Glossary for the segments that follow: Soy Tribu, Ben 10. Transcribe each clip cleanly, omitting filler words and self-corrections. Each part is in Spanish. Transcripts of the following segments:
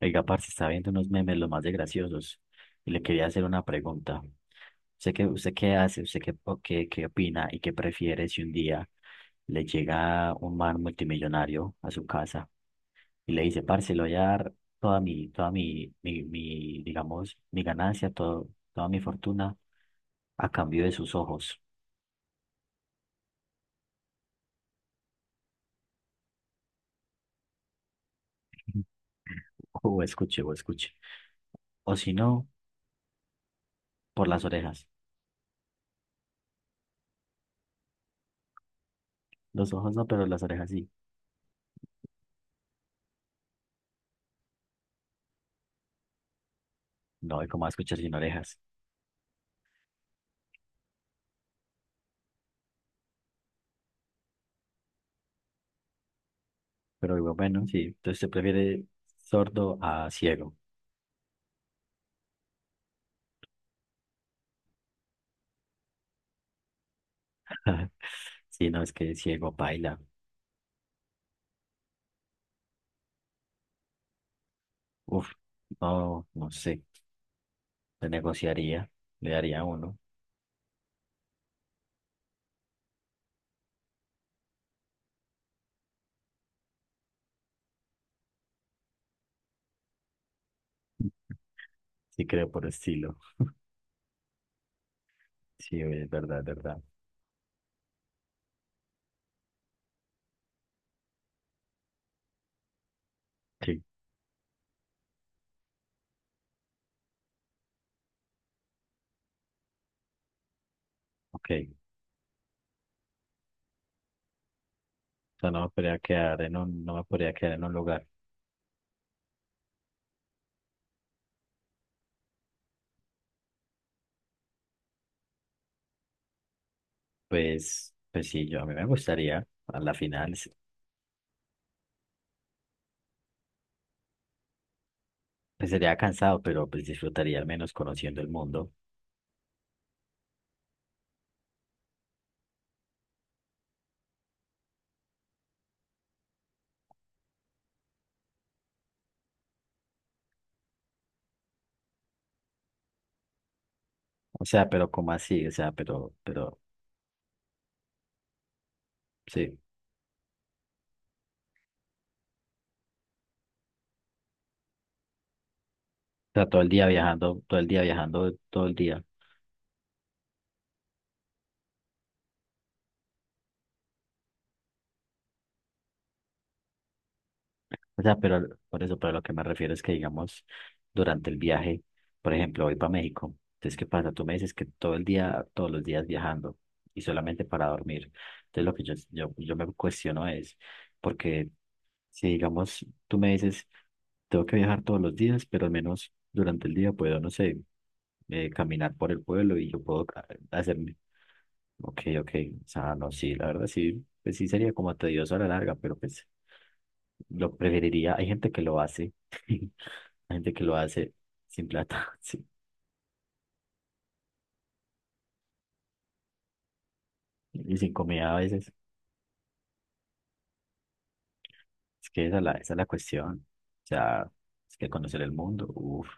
Oiga, parce, está viendo unos memes los más de graciosos y le quería hacer una pregunta. ¿Usted qué hace? ¿Usted qué, o qué, qué opina y qué prefiere si un día le llega un man multimillonario a su casa y le dice, parce, le voy a dar toda mi, digamos, mi ganancia, toda mi fortuna a cambio de sus ojos? O escuche. O si no, por las orejas. Los ojos no, pero las orejas sí. No, ¿y cómo va a escuchar sin orejas? Pero digo, bueno, sí, entonces se prefiere sordo a ciego. Si no, es que ciego baila. Uf, no, no sé. Se negociaría, le daría uno. Sí, creo por estilo. Sí, es verdad, es verdad. Sí, ok. O sea, no me podría quedar en un, no me podría quedar en un lugar. Pues, pues sí, yo a mí me gustaría, a la final, pues sería cansado, pero pues disfrutaría al menos conociendo el mundo. O sea, pero como así, o sea, pero, sí. O sea, todo el día viajando, todo el día viajando, todo el día. O sea, pero por eso, pero lo que me refiero es que, digamos, durante el viaje, por ejemplo, voy para México. Entonces, ¿qué pasa? Tú me dices que todo el día, todos los días viajando y solamente para dormir. Entonces, lo que yo me cuestiono es, porque si, digamos, tú me dices, tengo que viajar todos los días, pero al menos durante el día puedo, no sé, caminar por el pueblo y yo puedo hacer. Ok, ok. O sea, no, sí, la verdad sí, pues sí sería como tedioso a la larga, pero pues lo preferiría. Hay gente que lo hace, hay gente que lo hace sin plata, sí, y sin comida a veces. Es que esa es la cuestión. O sea, es que conocer el mundo, uff,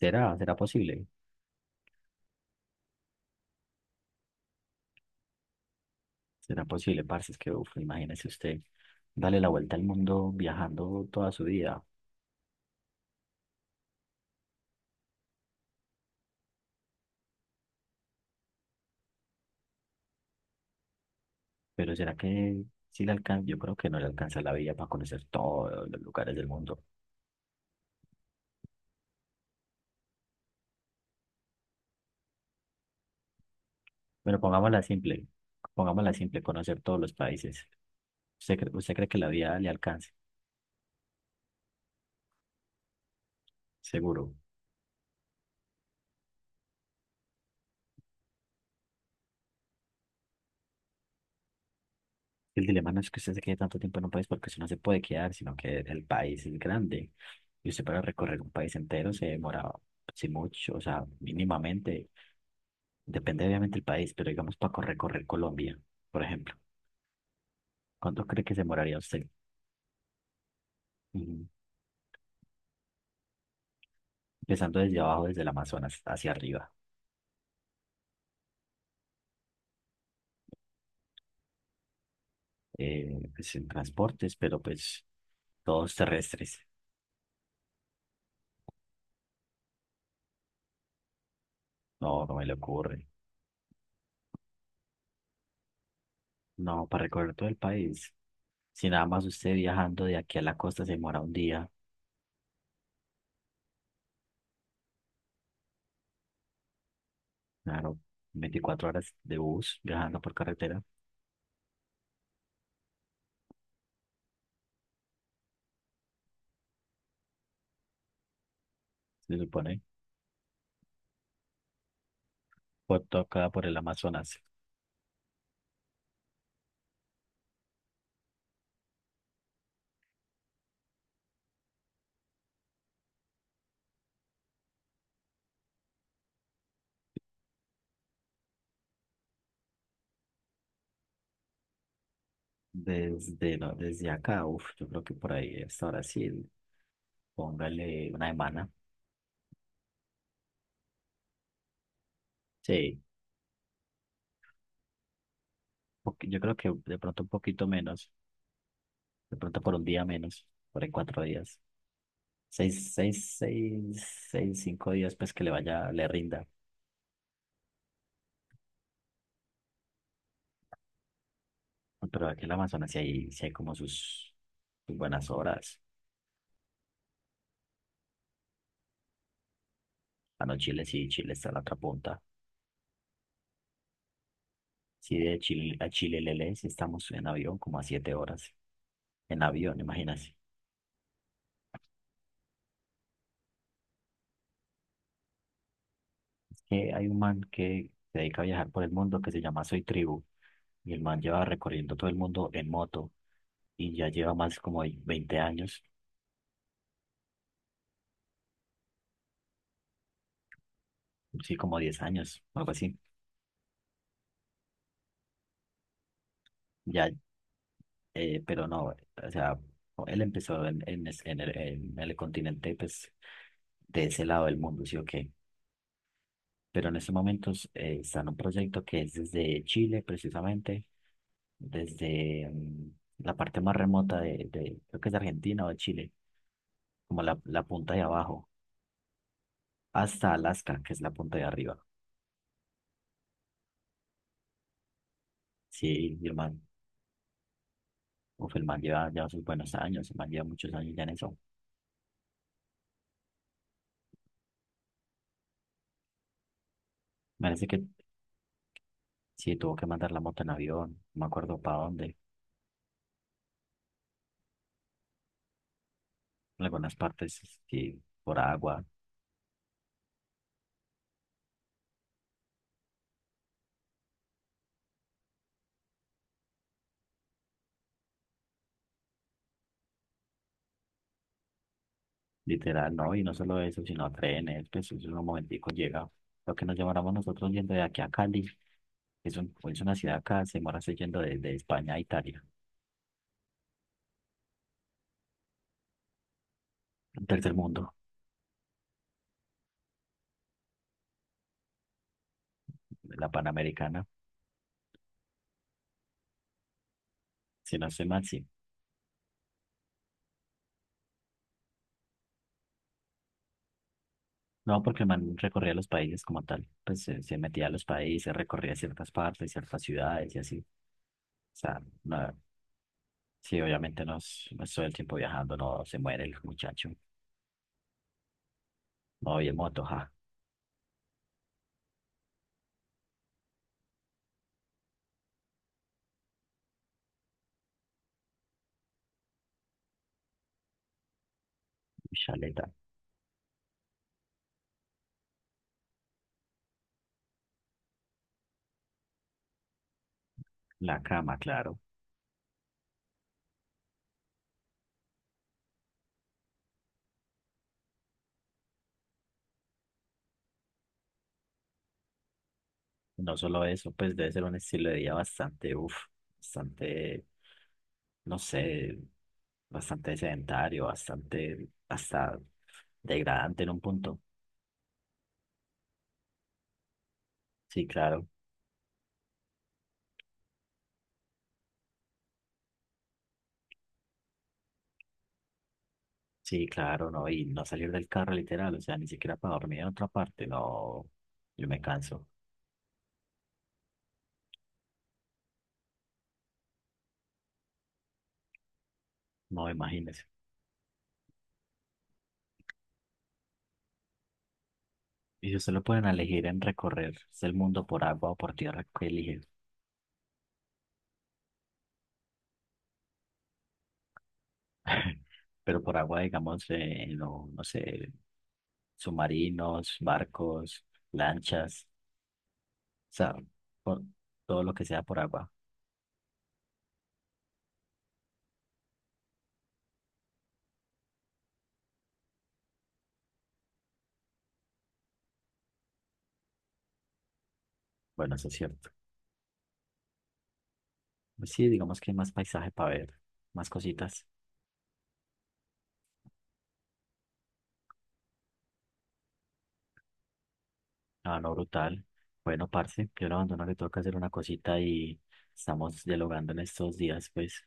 será posible, será posible, parce, es que uff, imagínese usted, darle la vuelta al mundo viajando toda su vida, pero será que sí le alcanza, yo creo que no le alcanza la vida para conocer todos los lugares del mundo. Bueno, pongámosla simple. Pongámosla simple, conocer todos los países. ¿Usted cree que la vida le alcance? Seguro. El dilema no es que usted se quede tanto tiempo en un país porque usted no se puede quedar, sino que el país es grande. Y usted para recorrer un país entero se demora, si mucho, o sea, mínimamente. Depende obviamente del país, pero digamos para recorrer Colombia, por ejemplo. ¿Cuánto cree que se demoraría usted? Ujú. Empezando desde abajo, desde el Amazonas hacia arriba. Pues en transportes, pero pues todos terrestres. No, no me le ocurre. No, para recorrer todo el país. Si nada más usted viajando de aquí a la costa se demora un día, claro, 24 horas de bus viajando por carretera, se supone, por todo acá por el Amazonas. Desde, no, desde acá, uff, yo creo que por ahí hasta Brasil, póngale una semana. Sí, yo creo que de pronto un poquito menos, de pronto por un día menos, por ahí 4 días. Seis, seis, seis, seis, 5 días, pues que le vaya, le rinda. Pero aquí en la Amazonas sí hay como sus, sus buenas horas. Ah, no, Chile sí, Chile está en la otra punta. Sí, de Chile a Chile Lele sí estamos en avión como a 7 horas. En avión, imagínate. Es que hay un man que se dedica a viajar por el mundo que se llama Soy Tribu. Y el man lleva recorriendo todo el mundo en moto. Y ya lleva más como de 20 años. Sí, como 10 años, algo así. Ya, pero no, o sea, él empezó en el continente, pues, de ese lado del mundo, ¿sí o qué? Pero en estos momentos está en un proyecto que es desde Chile, precisamente, desde la parte más remota de creo que es de Argentina o de Chile, como la punta de abajo, hasta Alaska, que es la punta de arriba. Sí, mi hermano, uf, el man lleva ya sus buenos años, el man lleva muchos años ya en eso. Me parece que sí tuvo que mandar la moto en avión, no me acuerdo para dónde, en algunas partes sí, por agua, literal, ¿no? Y no solo eso, sino trenes, pues eso en un momentico llega lo que nos lleváramos nosotros yendo de aquí a Cali. Es, un- es una ciudad acá, se demora yendo de España a Italia, un tercer mundo, la Panamericana, si no estoy mal, sí. No, porque el man recorría los países como tal, pues se metía a los países, recorría ciertas partes, ciertas ciudades y así. O sea, no, sí, obviamente no, es- no es todo el tiempo viajando, no se muere el muchacho. No, voy en moto, ja, chaleta, la cama, claro. No solo eso, pues debe ser un estilo de vida bastante, uff, bastante no sé, bastante sedentario, bastante, hasta degradante en un punto. Sí, claro, sí, claro, no, y no salir del carro literal, o sea, ni siquiera para dormir en otra parte, no, yo me canso, no, imagínese. Y si usted lo pueden elegir en recorrer el mundo por agua o por tierra, ¿qué elige? Pero por agua, digamos, no, no sé, submarinos, barcos, lanchas, o sea, por- todo lo que sea por agua. Bueno, eso es cierto. Pues sí, digamos que hay más paisaje para ver, más cositas. Ah, no, brutal. Bueno, parce, yo lo abandono, le toca hacer una cosita y estamos dialogando en estos días, pues.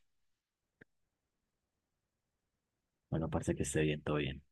Bueno, parce, que esté bien, todo bien.